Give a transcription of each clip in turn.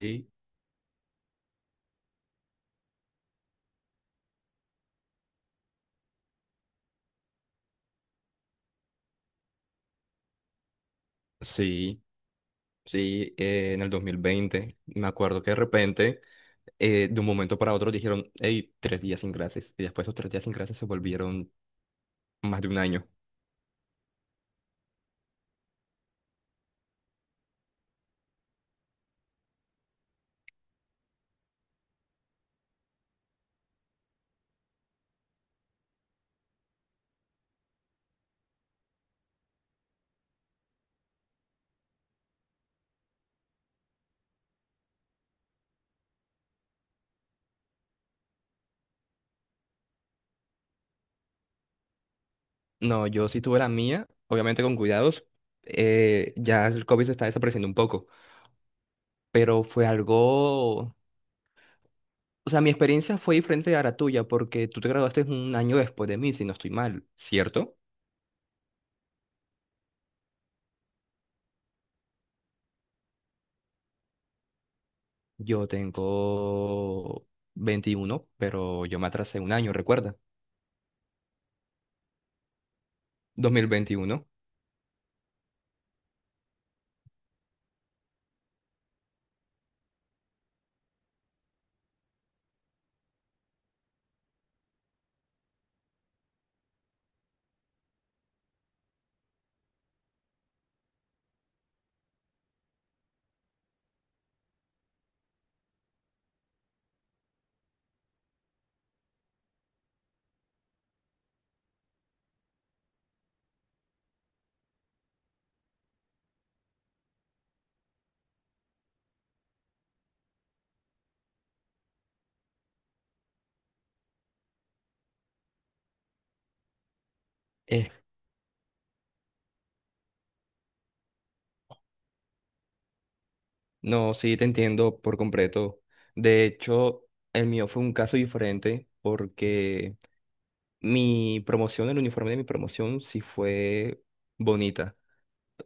Sí, sí, sí, en el 2020, me acuerdo que de repente, de un momento para otro dijeron, hey, 3 días sin clases, y después esos 3 días sin clases se volvieron más de un año. No, yo sí tuve la mía, obviamente con cuidados, ya el COVID se está desapareciendo un poco, pero fue algo, o sea, mi experiencia fue diferente a la tuya, porque tú te graduaste un año después de mí, si no estoy mal, ¿cierto? Yo tengo 21, pero yo me atrasé un año, recuerda, 2021. Eh, no, sí, te entiendo por completo. De hecho, el mío fue un caso diferente porque mi promoción, el uniforme de mi promoción sí fue bonita.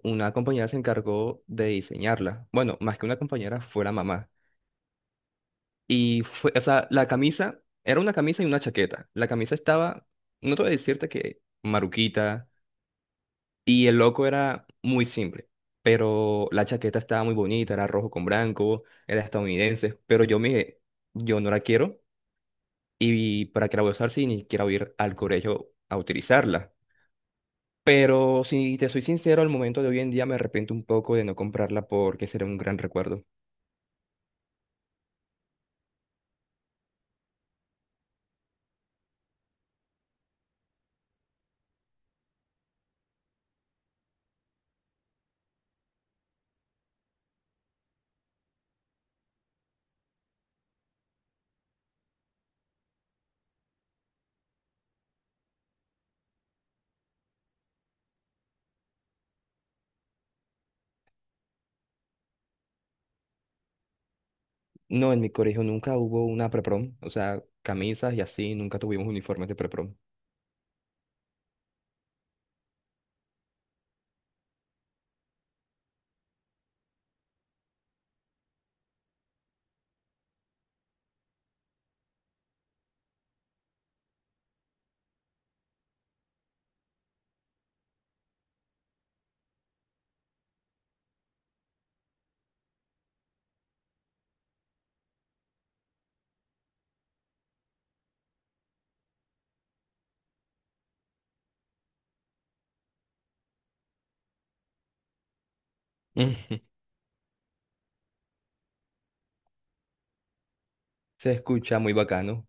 Una compañera se encargó de diseñarla. Bueno, más que una compañera, fue la mamá. Y fue, o sea, la camisa, era una camisa y una chaqueta. La camisa estaba, no te voy a decirte que maruquita. Y el loco era muy simple, pero la chaqueta estaba muy bonita, era rojo con blanco, era estadounidense, pero yo me dije, yo no la quiero y para qué la voy a usar si ni quiero ir al colegio a utilizarla. Pero si te soy sincero, al momento de hoy en día me arrepiento un poco de no comprarla porque sería un gran recuerdo. No, en mi colegio nunca hubo una preprom, o sea, camisas y así, nunca tuvimos uniformes de preprom. Se escucha muy bacano.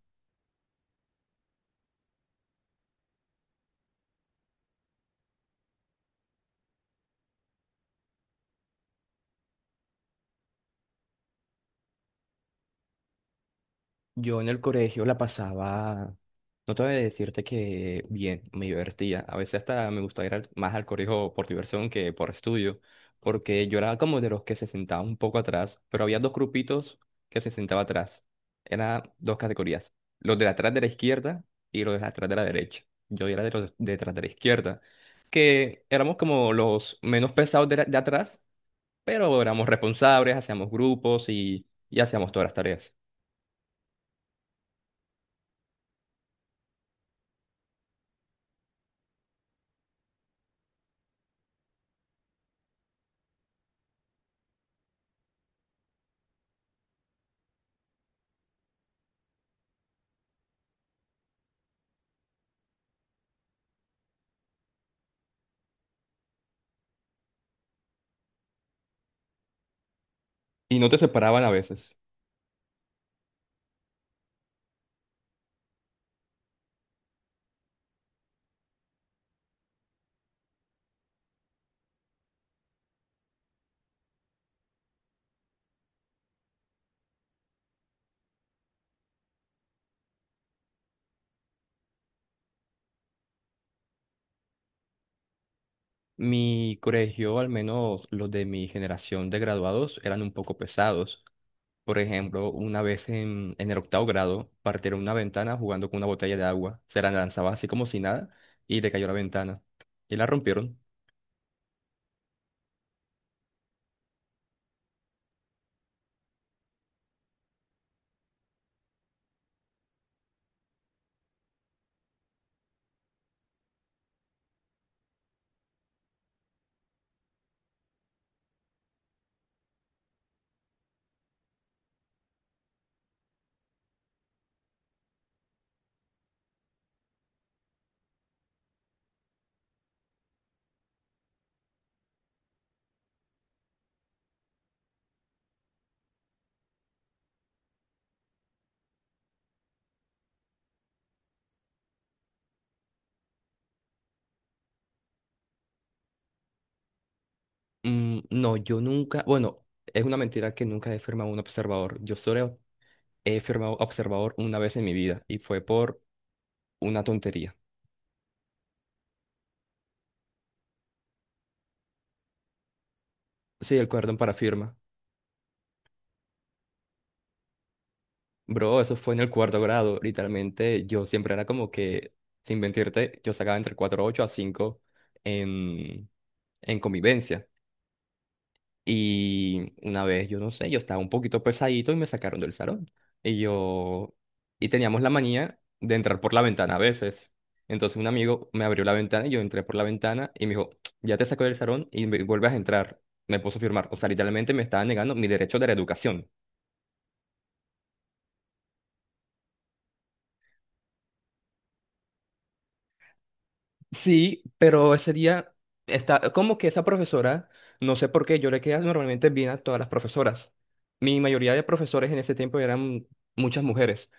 Yo en el colegio la pasaba, no te voy a decirte que bien, me divertía. A veces hasta me gustaba ir más al colegio por diversión que por estudio, porque yo era como de los que se sentaba un poco atrás, pero había dos grupitos que se sentaba atrás. Eran dos categorías, los de atrás de la izquierda y los de atrás de la derecha. Yo era de los de atrás de la izquierda, que éramos como los menos pesados de, de atrás, pero éramos responsables, hacíamos grupos y hacíamos todas las tareas. Y no te separaban a veces. Mi colegio, al menos los de mi generación de graduados, eran un poco pesados. Por ejemplo, una vez en el octavo grado, partieron una ventana jugando con una botella de agua. Se la lanzaba así como si nada y le cayó la ventana. Y la rompieron. No, yo nunca, bueno, es una mentira que nunca he firmado un observador. Yo solo he firmado observador una vez en mi vida y fue por una tontería. Sí, el cuaderno para firma. Bro, eso fue en el cuarto grado. Literalmente, yo siempre era como que, sin mentirte, yo sacaba entre 4.8 a 5 en, en convivencia. Y una vez, yo no sé, yo estaba un poquito pesadito y me sacaron del salón. Y yo, y teníamos la manía de entrar por la ventana a veces. Entonces un amigo me abrió la ventana y yo entré por la ventana y me dijo, ya te saco del salón y vuelves a entrar. Me puso a firmar. O sea, literalmente me estaba negando mi derecho de la educación. Sí, pero ese día está como que esa profesora, no sé por qué, yo le quedaba normalmente bien a todas las profesoras. Mi mayoría de profesores en ese tiempo eran muchas mujeres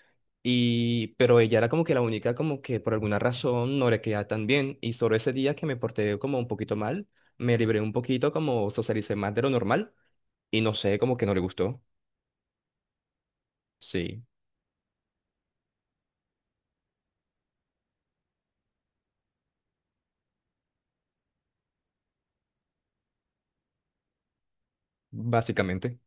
y pero ella era como que la única como que por alguna razón no le quedaba tan bien y solo ese día que me porté como un poquito mal, me libré un poquito, como socialicé más de lo normal y no sé, como que no le gustó. Sí, básicamente.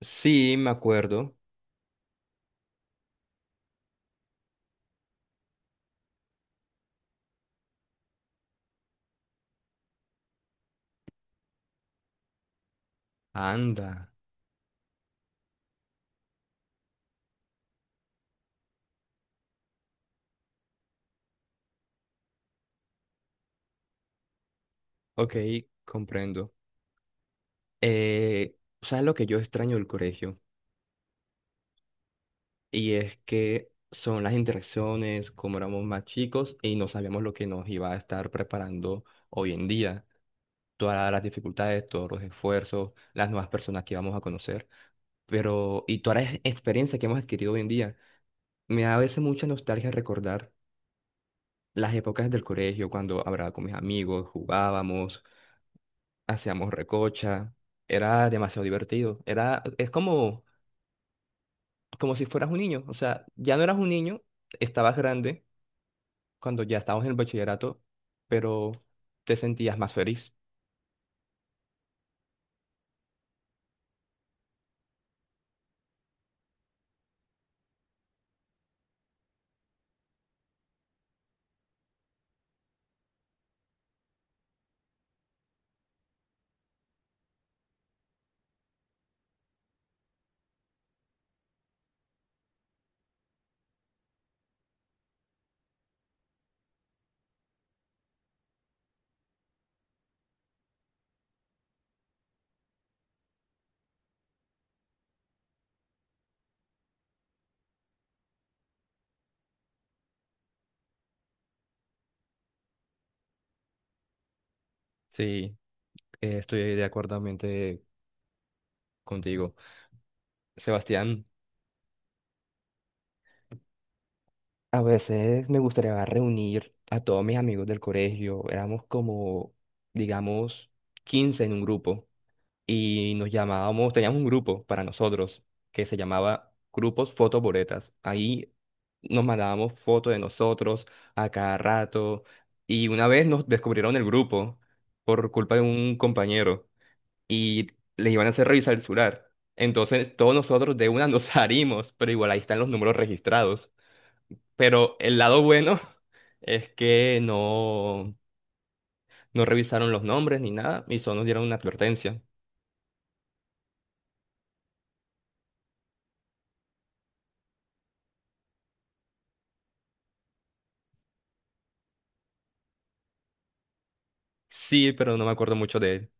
Sí, me acuerdo. Anda. Ok, comprendo. Eh, ¿Sabes lo que yo extraño del colegio? Y es que son las interacciones, como éramos más chicos y no sabíamos lo que nos iba a estar preparando hoy en día. Todas las dificultades, todos los esfuerzos, las nuevas personas que íbamos a conocer. Pero, y toda la experiencia que hemos adquirido hoy en día, me da a veces mucha nostalgia recordar las épocas del colegio, cuando hablaba con mis amigos, jugábamos, hacíamos recocha. Era demasiado divertido. Era, es como como si fueras un niño. O sea, ya no eras un niño, estabas grande cuando ya estábamos en el bachillerato, pero te sentías más feliz. Sí, estoy de acuerdo mente contigo. Sebastián, a veces me gustaría reunir a todos mis amigos del colegio. Éramos como, digamos, 15 en un grupo. Y nos llamábamos, teníamos un grupo para nosotros que se llamaba Grupos Fotoboretas. Ahí nos mandábamos fotos de nosotros a cada rato y una vez nos descubrieron el grupo por culpa de un compañero y les iban a hacer revisar el celular. Entonces todos nosotros de una nos salimos, pero igual ahí están los números registrados. Pero el lado bueno es que no, no revisaron los nombres ni nada y solo nos dieron una advertencia. Sí, pero no me acuerdo mucho de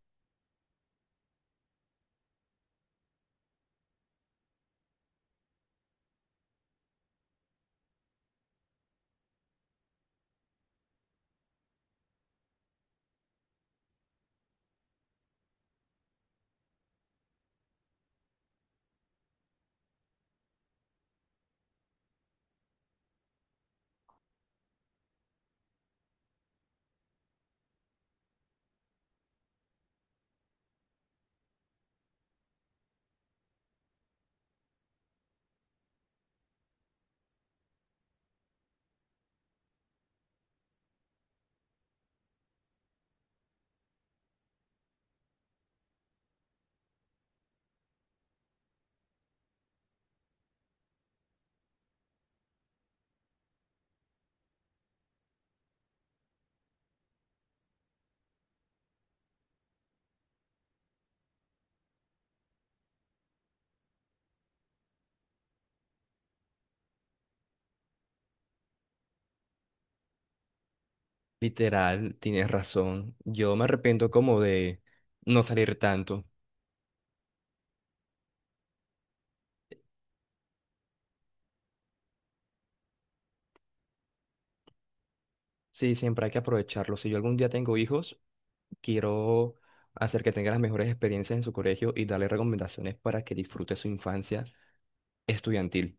Literal, tienes razón. Yo me arrepiento como de no salir tanto. Sí, siempre hay que aprovecharlo. Si yo algún día tengo hijos, quiero hacer que tengan las mejores experiencias en su colegio y darle recomendaciones para que disfrute su infancia estudiantil.